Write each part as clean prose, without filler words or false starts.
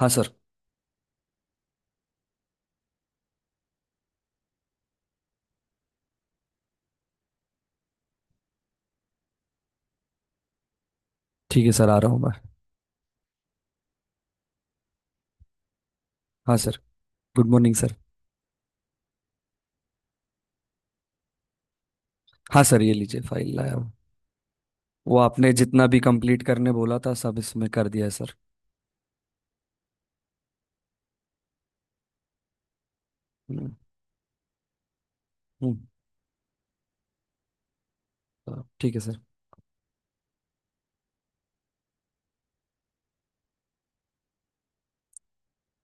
हाँ सर। ठीक है सर, आ रहा हूँ मैं। हाँ सर। Good morning sir. हाँ सर, ये लीजिए, फाइल लाया हूँ। वो आपने जितना भी कंप्लीट करने बोला था सब इसमें कर दिया है सर। हम्म। हम्म, ठीक है सर।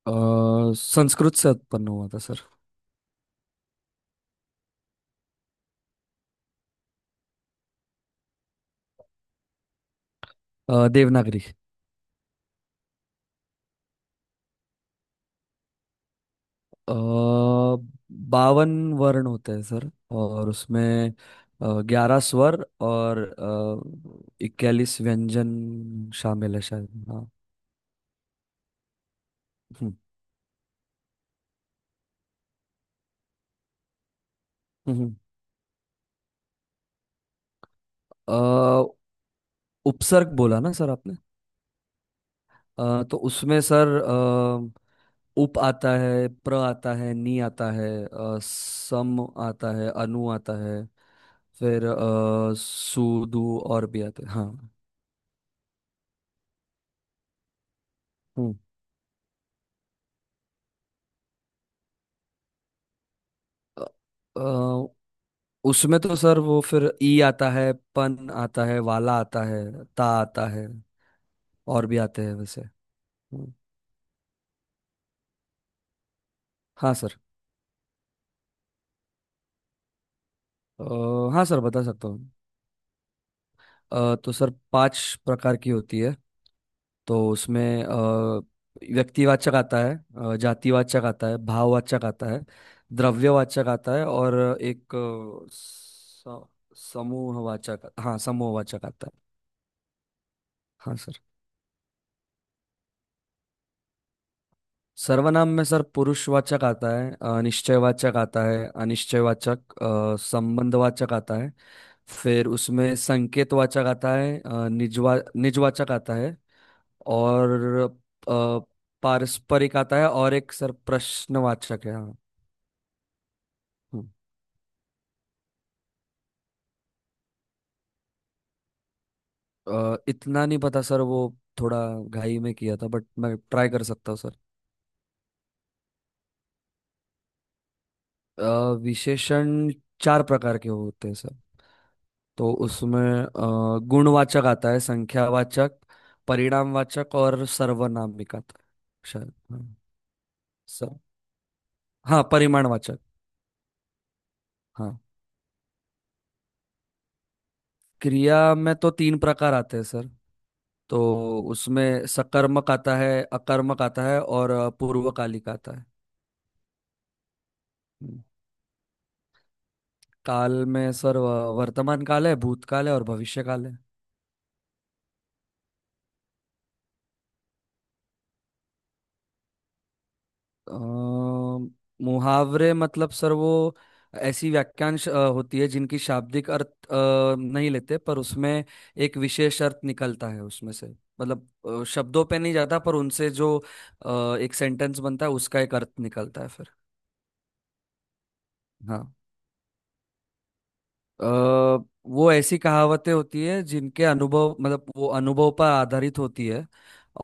संस्कृत से उत्पन्न हुआ था सर। देवनागरी। अ, 52 वर्ण होते हैं सर, और उसमें 11 स्वर और 41 व्यंजन शामिल है शायद, हाँ। हम्म। हम्म, हम्म। अ, उपसर्ग बोला ना सर आपने? तो उसमें सर, उप आता है, प्र आता है, नी आता है, सम आता है, अनु आता है। फिर सु दू और भी आते हैं, हाँ। हम्म। अ, अ, उसमें तो सर वो फिर ई आता है, पन आता है, वाला आता है, ता आता है। और भी आते हैं वैसे। हम्म। हाँ सर। अ, हाँ सर, बता सकता हूँ। तो सर पांच प्रकार की होती है। तो उसमें व्यक्तिवाचक आता है, जातिवाचक आता है, भाववाचक आता है, द्रव्यवाचक आता है और एक समूहवाचक, हाँ, समूहवाचक आता है। हाँ सर। सर्वनाम में सर पुरुषवाचक आता है, निश्चयवाचक आता है, अनिश्चयवाचक, संबंधवाचक आता है। फिर उसमें संकेतवाचक आता है, निजवाचक आता है। और अ, पारस्परिक आता है, और एक सर प्रश्नवाचक है, हाँ। हम्म। इतना नहीं पता सर, वो थोड़ा घाई में किया था बट मैं ट्राई कर सकता हूँ सर। विशेषण चार प्रकार के होते हैं सर। तो उसमें गुणवाचक आता है, संख्यावाचक, परिणामवाचक और सर्वनामिक आता है। शायद, हाँ। सर हाँ परिमाणवाचक। हाँ, क्रिया में तो तीन प्रकार आते हैं सर। तो उसमें सकर्मक आता है, अकर्मक आता है और पूर्वकालिक आता है। हम्म। काल में सर वर्तमान काल है, भूतकाल है और भविष्य काल है। अ, मुहावरे मतलब सर वो ऐसी वाक्यांश होती है, जिनकी शाब्दिक अर्थ नहीं लेते, पर उसमें एक विशेष अर्थ निकलता है उसमें से। मतलब शब्दों पे नहीं जाता पर उनसे जो एक सेंटेंस बनता है उसका एक अर्थ निकलता है फिर। हाँ। अ, वो ऐसी कहावतें होती है, जिनके अनुभव मतलब वो अनुभव पर आधारित होती है।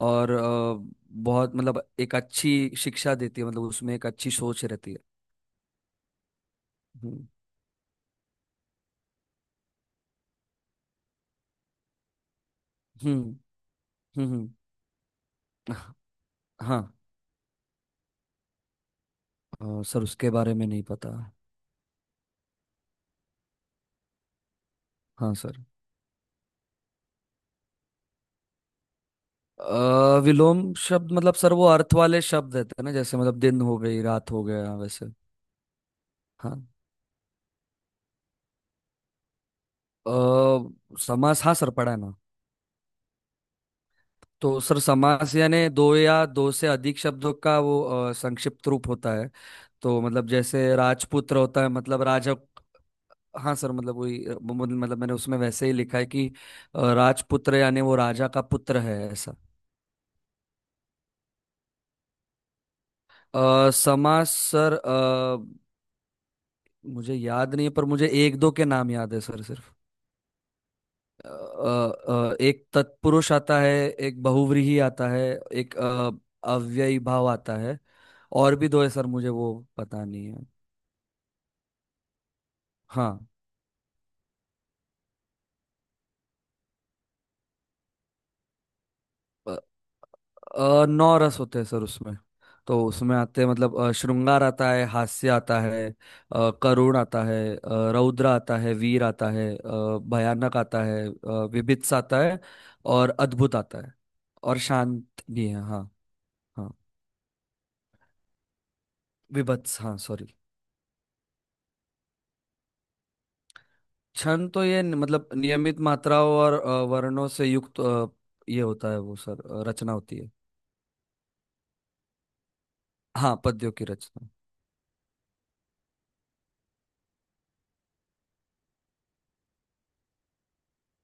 और बहुत मतलब एक अच्छी शिक्षा देती है, मतलब उसमें एक अच्छी सोच रहती है। हम्म। हम्म। हम्म। हाँ। सर उसके बारे में नहीं पता। हाँ सर। विलोम शब्द मतलब सर वो अर्थ वाले शब्द रहते हैं ना, जैसे मतलब दिन हो गई रात हो गया वैसे। हाँ। समास, हाँ सर पढ़ा है ना। तो सर समास यानी दो या दो से अधिक शब्दों का वो संक्षिप्त रूप होता है। तो मतलब जैसे राजपुत्र होता है, मतलब राजा। हाँ सर, मतलब वही मतलब मैंने उसमें वैसे ही लिखा है कि राजपुत्र यानी वो राजा का पुत्र है, ऐसा। समास सर, मुझे याद नहीं है पर मुझे एक दो के नाम याद है सर सिर्फ। एक तत्पुरुष आता है। एक बहुव्रीहि आता है। एक अव्ययीभाव आता है। और भी दो है सर, मुझे वो पता नहीं है। हाँ। अ, नौ रस होते हैं सर उसमें। तो उसमें आते हैं, मतलब श्रृंगार आता है, हास्य आता है, करुण आता है, रौद्र आता है, वीर आता है, भयानक आता है, विभत्स आता है और अद्भुत आता है। और शांत भी है, हाँ। हाँ, विभत्स, हाँ, सॉरी। छंद तो ये मतलब नियमित मात्राओं और वर्णों से युक्त, ये होता है वो सर, रचना होती है। हाँ, पद्यों की रचना।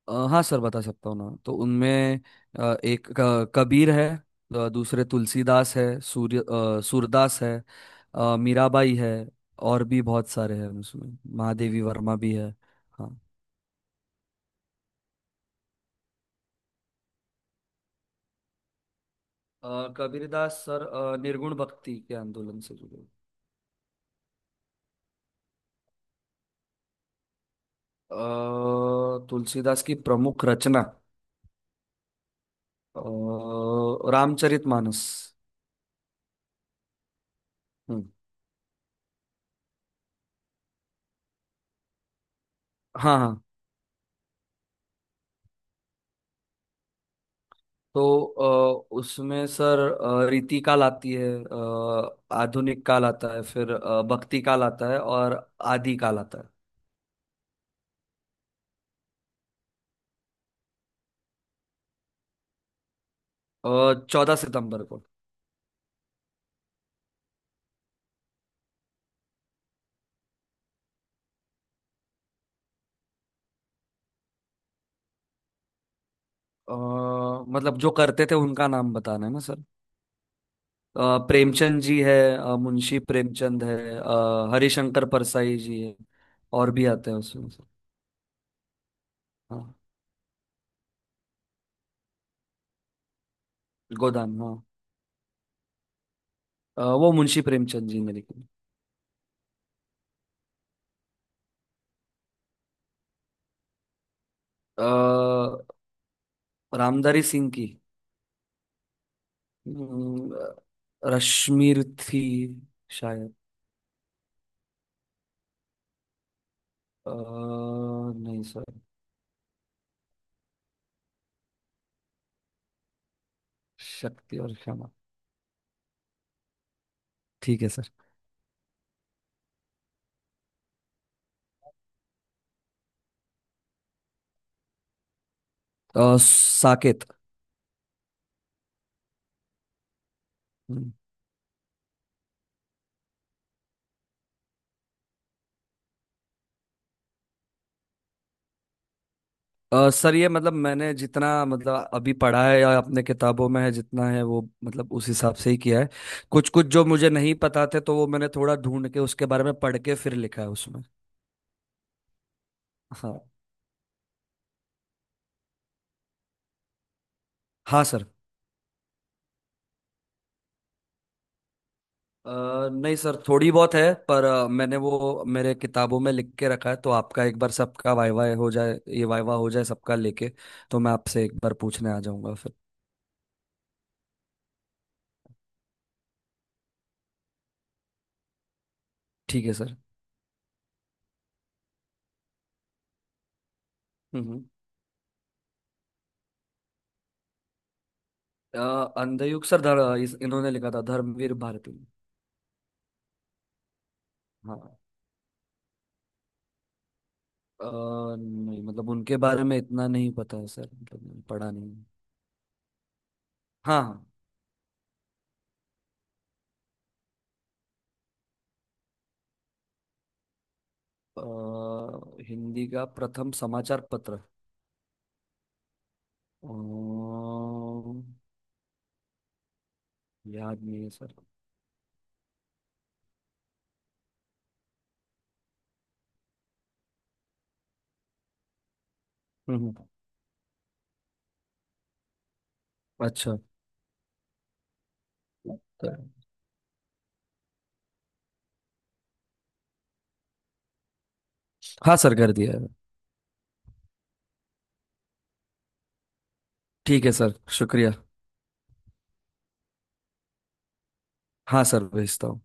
हाँ सर, बता सकता हूँ ना, तो उनमें एक कबीर है। दूसरे तुलसीदास है, सूरदास है। मीराबाई है। और भी बहुत सारे हैं, उसमें महादेवी वर्मा भी है। हाँ। कबीरदास सर निर्गुण भक्ति के आंदोलन से जुड़े। अ, तुलसीदास की प्रमुख रचना, रामचरितमानस। हम्म। हाँ, हाँ। तो उसमें सर रीति काल आती है, आधुनिक काल आता है, फिर भक्ति काल आता है और आदि काल आता है। 14 सितंबर को। अ, मतलब जो करते थे उनका नाम बताना है ना सर? प्रेमचंद जी है, मुंशी प्रेमचंद है, हरिशंकर परसाई जी है। और भी आते हैं उसमें सर। हाँ। गोदान, हाँ। वो मुंशी प्रेमचंद जी ने लिखी। अ, रामधारी सिंह की हम्म, रश्मि थी शायद। नहीं सर। शक्ति और क्षमा। ठीक है सर। साकेत। हम्म। सर ये मतलब मैंने जितना मतलब अभी पढ़ा है या अपने किताबों में है जितना है, वो मतलब उस हिसाब से ही किया है। कुछ कुछ जो मुझे नहीं पता थे तो वो मैंने थोड़ा ढूंढ के उसके बारे में पढ़ के फिर लिखा है उसमें। हाँ। हाँ सर। अ, नहीं सर, थोड़ी बहुत है। पर मैंने वो मेरे किताबों में लिख के रखा है, तो आपका एक बार सबका वाइवा हो जाए, ये वाइवा हो जाए सबका लेके, तो मैं आपसे एक बार पूछने आ जाऊंगा फिर। ठीक है सर। हम्म। अ, अंधयुग सर इन्होंने लिखा था, धर्मवीर भारती। हाँ। अ, नहीं मतलब उनके बारे में इतना नहीं पता है सर, मतलब मैंने पढ़ा नहीं है। हाँ, हाँ। हिंदी का प्रथम समाचार पत्र? अ, याद नहीं है सर। हम्म। अच्छा। हाँ सर कर दिया है। ठीक है सर, शुक्रिया। हाँ सर भेजता हूँ।